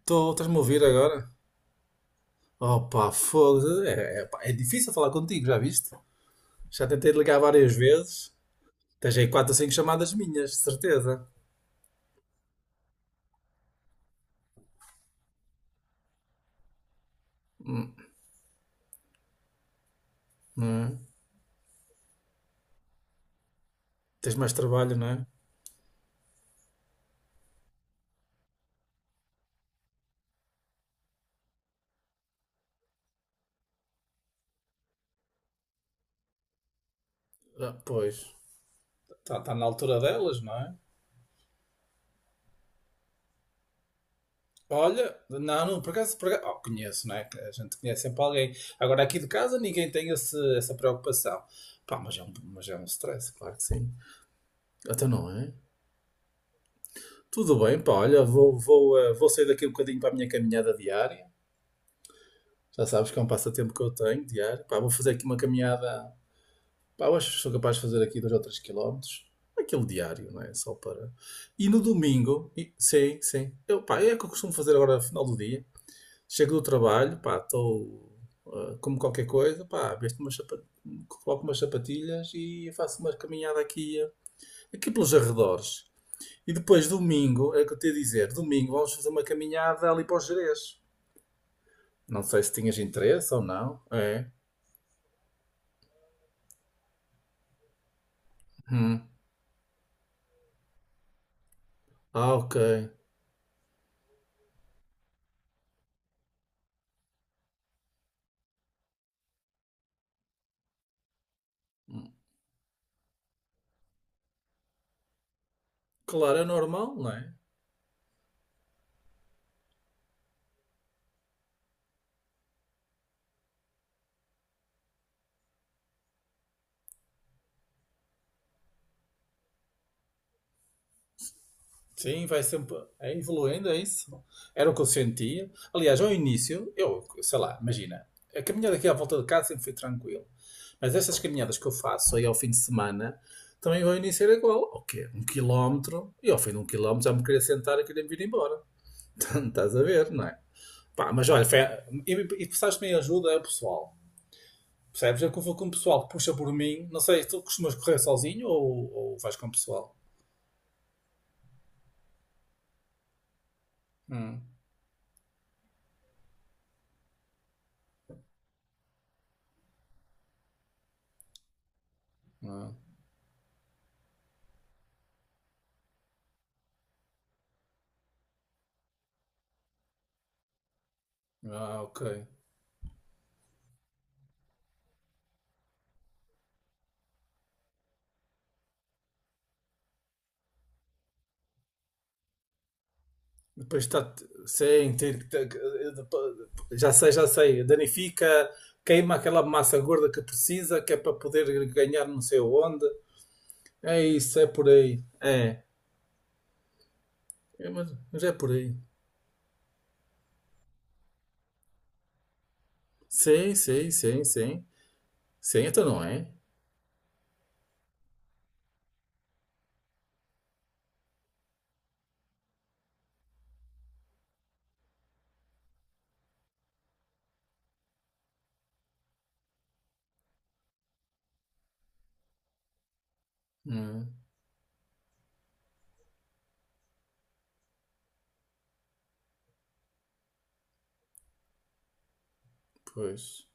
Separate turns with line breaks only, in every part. Estou Estás-me a ouvir agora? Opa, pá, fogo. É, pá, é difícil falar contigo, já viste? Já tentei ligar várias vezes. Tens aí quatro ou cinco chamadas minhas, de certeza. Não é? Tens mais trabalho, não é? Ah, pois. Está tá na altura delas, não é? Olha, não, não, por acaso, oh, conheço, não é? Que a gente conhece sempre alguém. Agora aqui de casa ninguém tem essa preocupação. Pá, mas é um stress, claro que sim. Até não é? Tudo bem, pá, olha, vou sair daqui um bocadinho para a minha caminhada diária. Já sabes que é um passatempo que eu tenho diário. Pá, vou fazer aqui uma caminhada. Pá, eu acho que sou capaz de fazer aqui 2 ou 3 quilómetros. Aquele diário, não é? Só para. E no domingo, sim, sim. Eu, pá, é o que eu costumo fazer agora no final do dia. Chego do trabalho, pá, estou. Como qualquer coisa, pá, coloco umas sapatilhas e faço uma caminhada aqui pelos arredores. E depois, domingo, é o que eu te ia dizer, domingo vamos fazer uma caminhada ali para os Gerês. Não sei se tinhas interesse ou não. É. Hum. Ah, ok. Claro, é normal, não é? Sim, vai sempre é evoluindo, é isso. Era o que eu sentia. Aliás, ao início, eu, sei lá, imagina, a caminhada aqui à volta de casa sempre foi tranquilo. Mas estas caminhadas que eu faço aí ao fim de semana, também ao início era igual. O quê? Um quilómetro. E ao fim de um quilómetro já me queria sentar e queria me vir embora. Estás a ver, não é? Pá, mas olha, foi, e precisaste me ajuda, é o pessoal. Percebes? É que eu vou com o pessoal que puxa por mim. Não sei, tu costumas correr sozinho ou vais com o pessoal? Hum. Ah, ah, ok. Depois está. Sim, já sei, já sei. Danifica, queima aquela massa gorda que precisa, que é para poder ganhar não sei onde. É isso, é por aí. É, mas é por aí. Sim, sim, sim, sim. Sim, então não é? Hum, pois.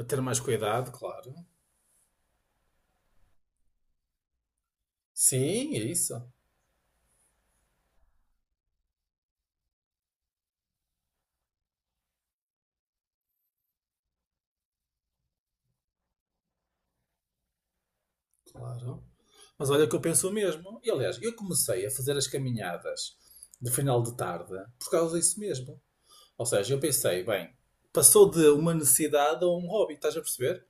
A ter mais cuidado, claro. Sim, é isso, claro. Mas olha que eu penso o mesmo. E aliás, eu comecei a fazer as caminhadas de final de tarde por causa disso mesmo. Ou seja, eu pensei, bem, passou de uma necessidade a um hobby, estás a perceber?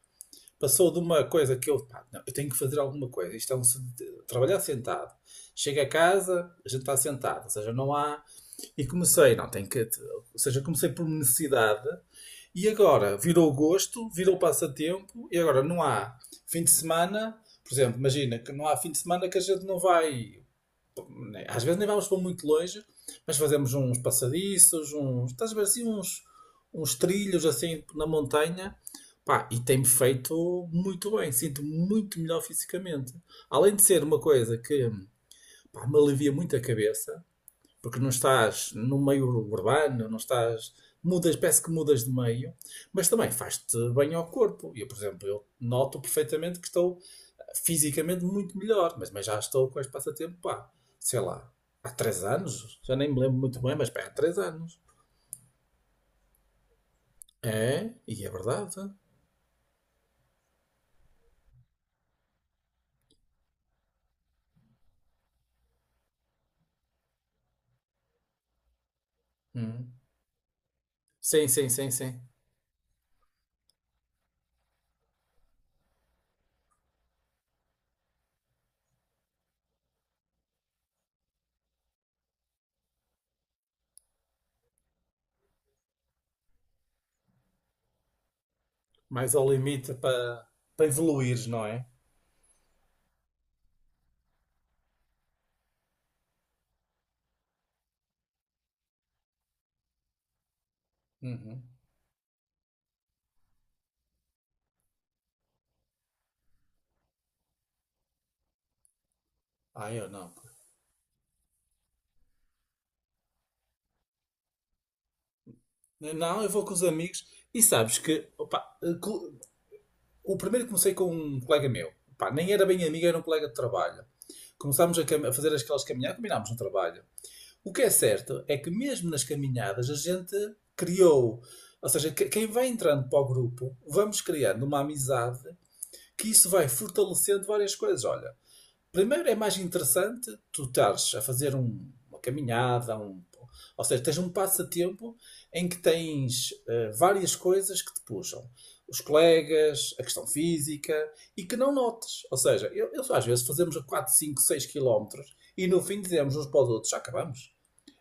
Passou de uma coisa que eu, pá, não, eu tenho que fazer alguma coisa. Isto é um trabalhar sentado. Chego a casa, a gente está sentado, ou seja, não há. E comecei, não, tenho que. Ou seja, comecei por necessidade e agora virou gosto, virou passatempo e agora não há fim de semana. Por exemplo, imagina que não há fim de semana que a gente não vai, né, às vezes nem vamos para muito longe, mas fazemos uns passadiços, uns, estás a ver assim, uns, uns trilhos assim na montanha. Pá, e tem-me feito muito bem, sinto-me muito melhor fisicamente. Além de ser uma coisa que, pá, me alivia muito a cabeça, porque não estás no meio urbano, não estás. Mudas, parece que mudas de meio, mas também faz-te bem ao corpo. Eu, por exemplo, eu noto perfeitamente que estou fisicamente muito melhor, mas já estou com este passatempo, pá, sei lá, há 3 anos, já nem me lembro muito bem, mas pá, há 3 anos. É, e é verdade. Hum. Sim, sim, sim, sim. Mais ao limite para evoluir, não é? Uhum. Ah, eu não. Pô. Não, eu vou com os amigos e sabes que opa, o primeiro comecei com um colega meu, pá, nem era bem amigo, era um colega de trabalho. Começámos a fazer aquelas caminhadas, combinámos no trabalho. O que é certo é que mesmo nas caminhadas a gente criou, ou seja, quem vai entrando para o grupo, vamos criando uma amizade que isso vai fortalecendo várias coisas. Olha, primeiro é mais interessante tu estares a fazer uma caminhada, ou seja, tens um passatempo em que tens eh, várias coisas que te puxam. Os colegas, a questão física, e que não notes. Ou seja, eu às vezes fazemos a 4, 5, 6 quilómetros e no fim dizemos uns para os outros, já acabamos.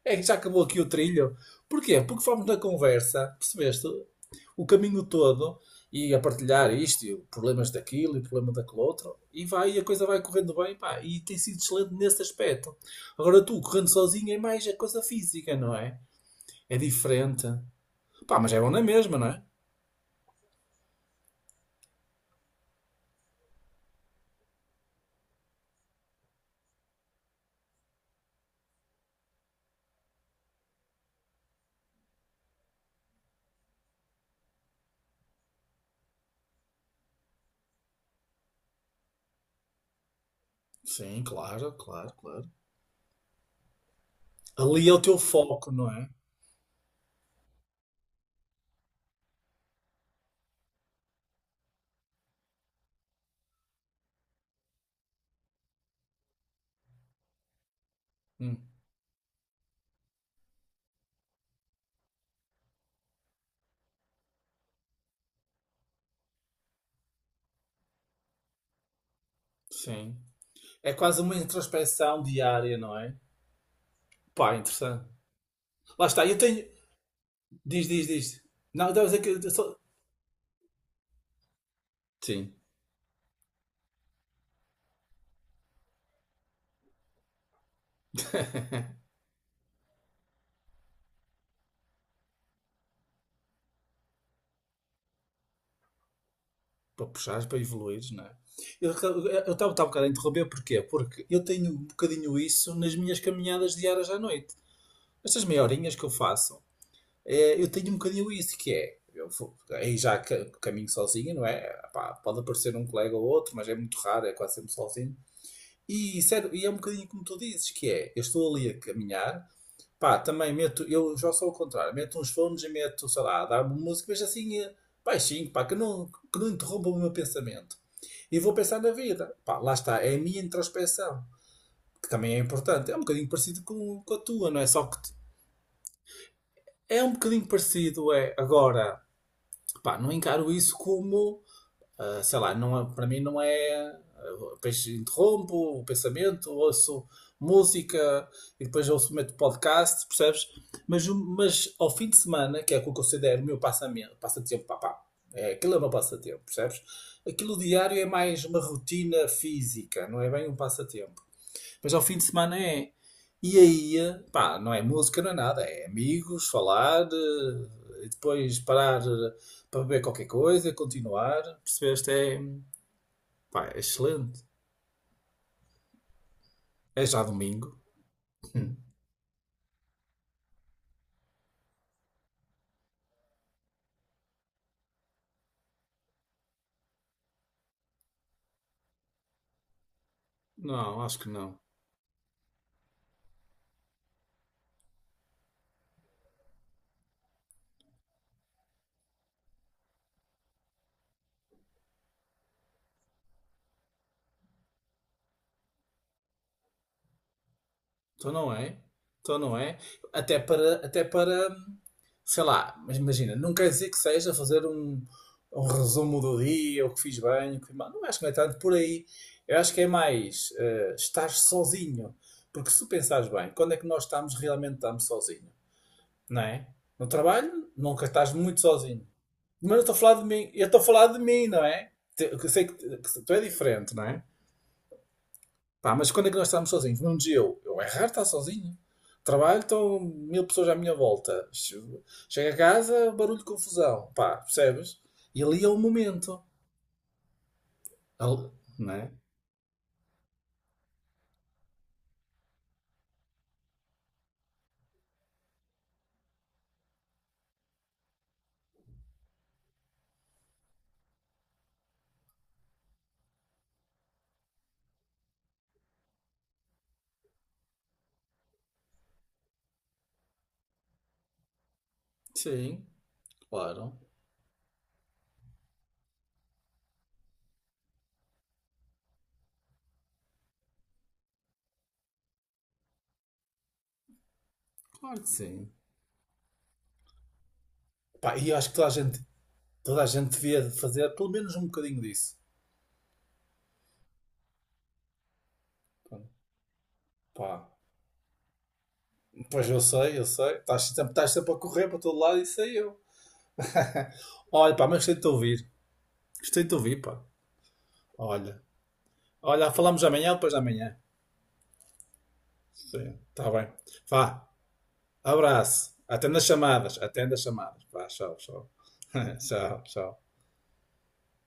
É que já acabou aqui o trilho. Porquê? Porque fomos na conversa, percebeste? O caminho todo e a partilhar isto, e problemas daquilo e problema daquele outro, e vai, e a coisa vai correndo bem, pá, e tem sido excelente nesse aspecto. Agora tu, correndo sozinho, é mais a coisa física, não é? É diferente. Pá, mas é bom na mesma, não é? Sim, claro, claro, claro. Ali é o teu foco, não é? Hum, sim. É quase uma introspecção diária, não é? Pá, interessante. Lá está, eu tenho. Diz, diz, diz. Não, não, é que eu só-. Sim, para puxares, para evoluires, não é? Eu estava um bocado a interromper, porquê? Porque eu tenho um bocadinho isso nas minhas caminhadas diárias à noite. Estas meia horinhas que eu faço, é, eu tenho um bocadinho isso, que é, aí já caminho sozinho, não é? Pá, pode aparecer um colega ou outro, mas é muito raro, é quase sempre sozinho. E, sério, e é um bocadinho como tu dizes, que é, eu estou ali a caminhar, pá, também meto, eu já sou ao contrário, meto uns fones e meto, sei lá, dar uma música, mas assim eh, baixinho, pá, que não interrompa o meu pensamento. E vou pensar na vida. Pá, lá está, é a minha introspecção que também é importante. É um bocadinho parecido com a tua, não é? Só que é um bocadinho parecido, é. Agora, pá, não encaro isso como sei lá, não é, para mim não é. Depois interrompo o pensamento, ouço música e depois ouço meto podcast, percebes? Mas ao fim de semana, que é o que eu considero o meu passatempo, papá, é, aquilo é o meu passatempo, percebes? Aquilo diário é mais uma rotina física, não é bem um passatempo. Depois ao fim de semana é. E aí, pá, não é música, não é nada, é amigos, falar, eh, e depois parar eh, para beber qualquer coisa, continuar. Percebeste? É, pá, é excelente. É já domingo? Não, acho que não. Então não é? Então não é? Até para, sei lá, mas imagina, não quer dizer que seja fazer um, um resumo do dia, o que fiz bem, o que fiz mal. Não acho que não é tanto por aí. Eu acho que é mais eh, estar sozinho. Porque se tu pensares bem, quando é que nós estamos realmente estamos sozinho? Não é? No trabalho, nunca estás muito sozinho. Mas eu estou a falar de mim, eu estou a falar de mim, não é? Eu sei que tu é diferente, não é? Pá, mas quando é que nós estamos sozinhos? Num dia eu é raro estar sozinho. Trabalho, estão 1000 pessoas à minha volta. Chego a casa, barulho, confusão. Pá, percebes? E ali é o momento. Ali- não é? Sim, claro. Claro que sim. Pá, e eu acho que toda a gente devia fazer pelo menos um bocadinho disso. Pá, pois eu sei, eu sei. Estás sempre a correr para todo lado e sei eu. Olha, pá, mas gostei de te ouvir. Gostei de te ouvir, pá. Olha. Olha, falamos amanhã ou depois de amanhã. Sim, está bem. Vá, abraço. Atenda as chamadas, atenda as chamadas. Vá, tchau, tchau. Tchau, tchau.